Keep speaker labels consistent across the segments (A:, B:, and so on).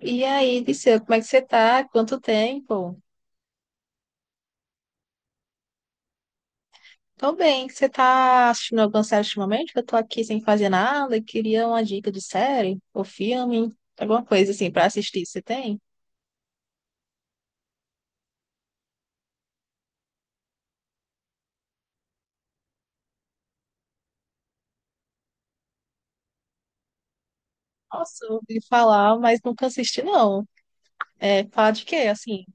A: E aí, Disseu, como é que você tá? Quanto tempo? Tô bem, você tá assistindo alguma série ultimamente? Eu tô aqui sem fazer nada e queria uma dica de série ou filme, alguma coisa assim pra assistir. Você tem? Nossa, eu ouvi falar, mas nunca assisti, não. É, fala de quê, assim?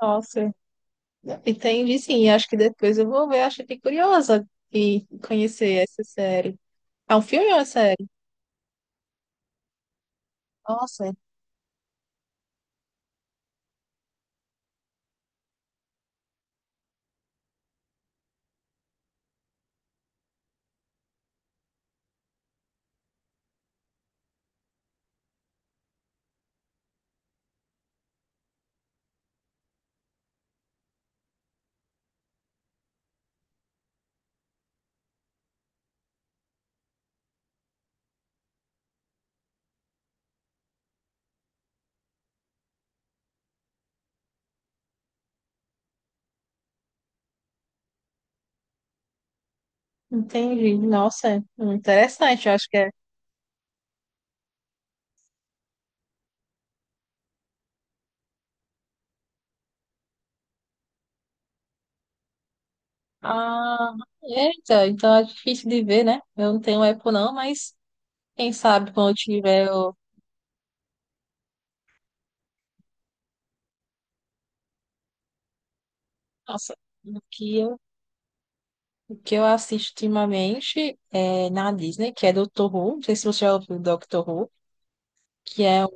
A: Nossa, entendi sim. Acho que depois eu vou ver, acho que fiquei curiosa em conhecer essa série. É um filme ou é uma série? Nossa, entendi. Nossa, interessante, eu acho que é. Ah, eita, então é difícil de ver, né? Eu não tenho Apple não, mas quem sabe quando eu tiver, eu... Nossa, o que eu, o que eu assisto ultimamente é na Disney, que é Doctor Who, não sei se você já ouviu Doctor Who, que é uma...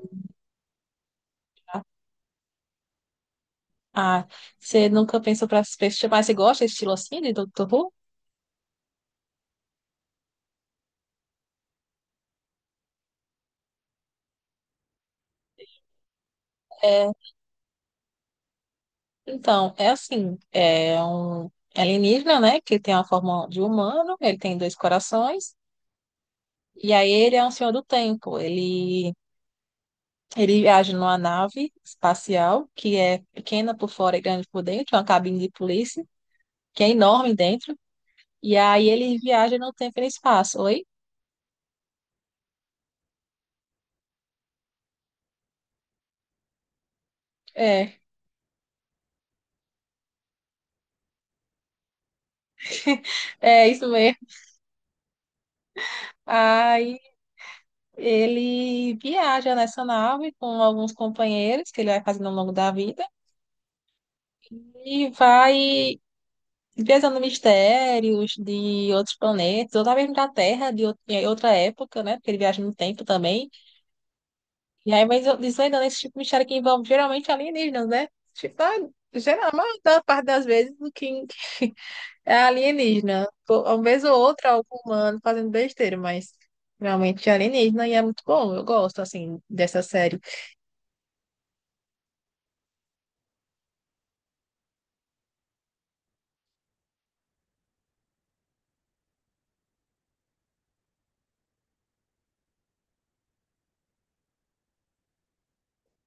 A: Ah, você nunca pensou para se assistir, mas você gosta desse estilo assim de Doctor Who? É, então, é assim, é um alienígena, né, que tem a forma de humano, ele tem dois corações, e aí ele é um senhor do tempo. Ele viaja numa nave espacial que é pequena por fora e grande por dentro, uma cabine de polícia, que é enorme dentro. E aí ele viaja no tempo e no espaço. Oi? É, é isso mesmo. Aí ele viaja nessa nave com alguns companheiros que ele vai fazendo ao longo da vida e vai desvendando mistérios de outros planetas, ou até mesmo da Terra, em outra época, né? Porque ele viaja no tempo também. E aí, mas eu disse, ainda nesse tipo de mistério que envolve geralmente alienígenas, né? Tipo, ah, geral, a maior da parte das vezes o que é alienígena. Pô, uma vez ou outra, algum humano fazendo besteira, mas realmente é alienígena e é muito bom. Eu gosto, assim, dessa série.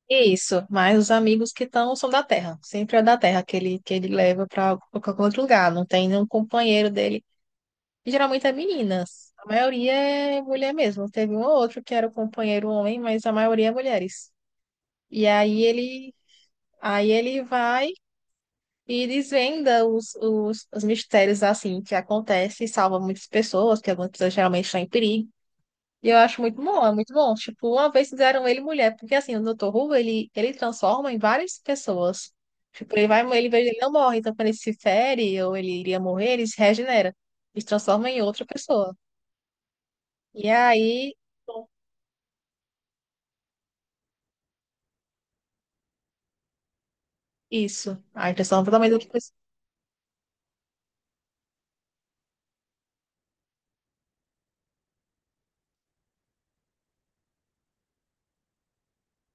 A: E isso, mas os amigos que estão são da Terra. Sempre é da Terra que ele leva para qualquer outro lugar. Não tem nenhum companheiro dele. E geralmente é meninas. A maioria é mulher mesmo. Teve um ou outro que era o companheiro homem, mas a maioria é mulheres. E aí ele vai e desvenda os mistérios assim que acontece e salva muitas pessoas, que algumas pessoas geralmente estão em perigo. E eu acho muito bom, é muito bom. Tipo, uma vez fizeram ele mulher, porque assim, o Dr. Who, ele transforma em várias pessoas. Tipo, ele não morre, então quando ele se fere ou ele iria morrer, ele se regenera. Ele se transforma em outra pessoa. E aí, isso. Aí transforma totalmente em outra pessoa.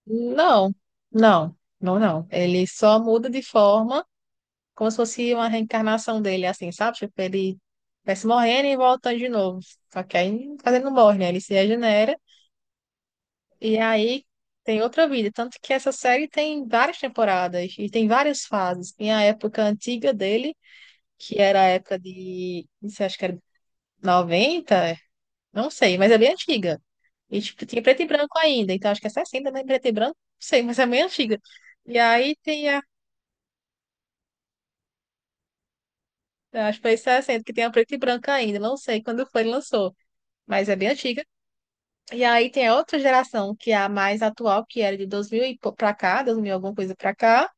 A: Não, não, não, não. Ele só muda de forma, como se fosse uma reencarnação dele, assim, sabe? Tipo, ele vai se morrendo e voltando de novo. Só que aí, mas ele não morre, né? Ele se regenera e aí tem outra vida. Tanto que essa série tem várias temporadas e tem várias fases. Tem a época antiga dele, que era a época de, não sei, acho que era 90. Não sei, mas é bem antiga. E, tipo, tinha preto e branco ainda. Então, acho que é 60, né? Preto e branco, não sei, mas é bem antiga. E aí tem a, acho que foi 60, que tem a preto e branco ainda. Não sei quando foi, que lançou. Mas é bem antiga. E aí tem a outra geração, que é a mais atual, que era de 2000 e pra cá, 2000 e alguma coisa pra cá.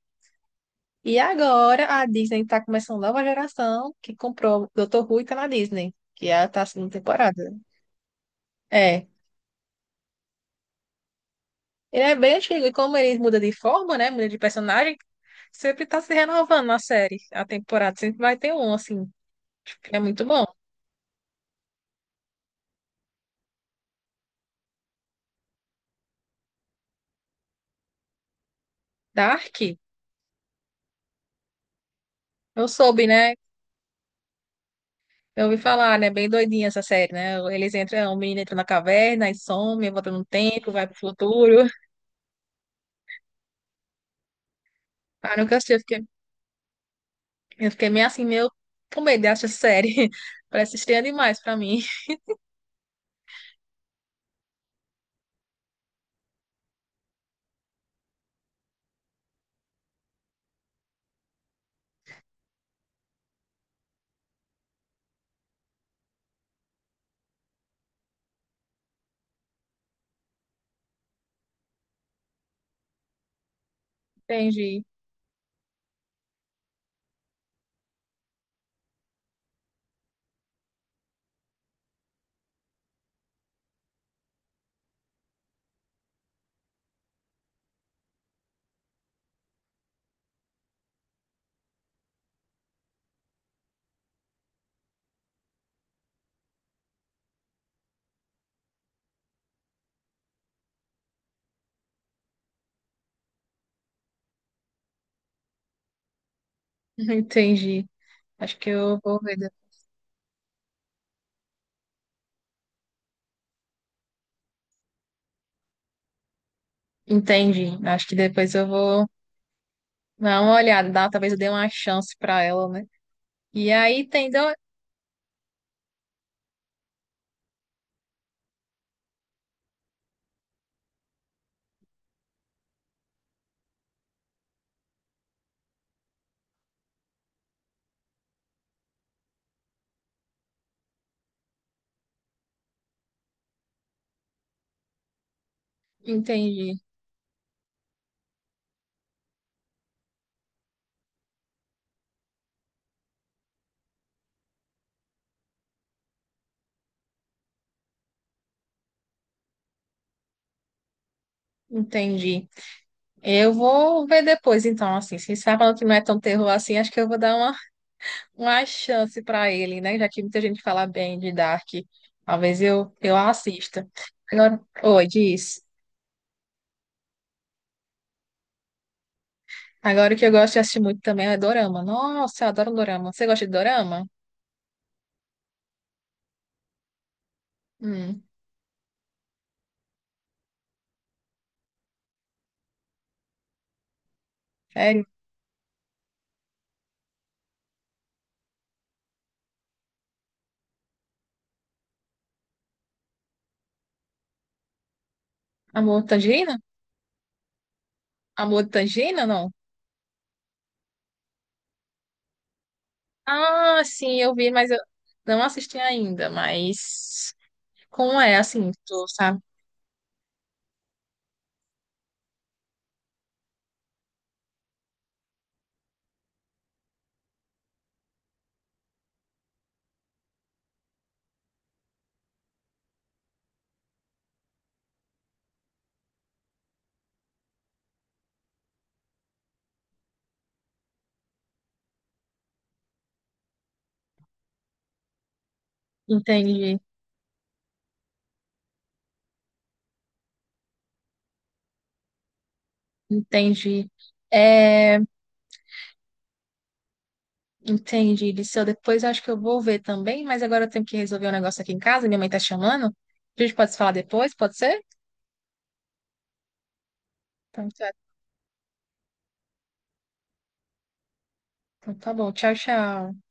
A: E agora a Disney tá começando nova geração, que comprou Dr. Who e tá na Disney. Que é a tá segunda temporada. É, ele é bem antigo, e como ele muda de forma, né? Muda de personagem, sempre tá se renovando na série. A temporada sempre vai ter um, assim, que é muito bom. Dark, eu soube, né? Eu ouvi falar, né? Bem doidinha essa série, né? Eles entram, o menino entra na caverna e some, volta no tempo, vai pro futuro. Ah, nunca assisti, eu fiquei meio assim, meio com medo de achar essa série. Parece estranha demais pra mim. Entendi, entendi. Acho que eu vou ver. Entendi. Acho que depois eu vou. Dá uma olhada, talvez eu dê uma chance pra ela, né? E aí tem. Entendi, entendi. Eu vou ver depois, então, assim, se você tá falando que não é tão terror assim, acho que eu vou dar uma chance pra ele, né? Já que muita gente fala bem de Dark. Talvez eu assista. Agora, oi, diz. Agora o que eu gosto de assistir muito também é dorama. Nossa, eu adoro dorama. Você gosta de dorama? Hum, sério? Amor de Tangerina? Amor de Tangerina, não? Ah, sim, eu vi, mas eu não assisti ainda, mas como é assim, tu sabe? Entendi, entendi. É, entendi, Disseu. Depois eu acho que eu vou ver também, mas agora eu tenho que resolver um negócio aqui em casa, minha mãe tá chamando. A gente pode se falar depois, pode ser? Então tá, então tá bom, tchau, tchau.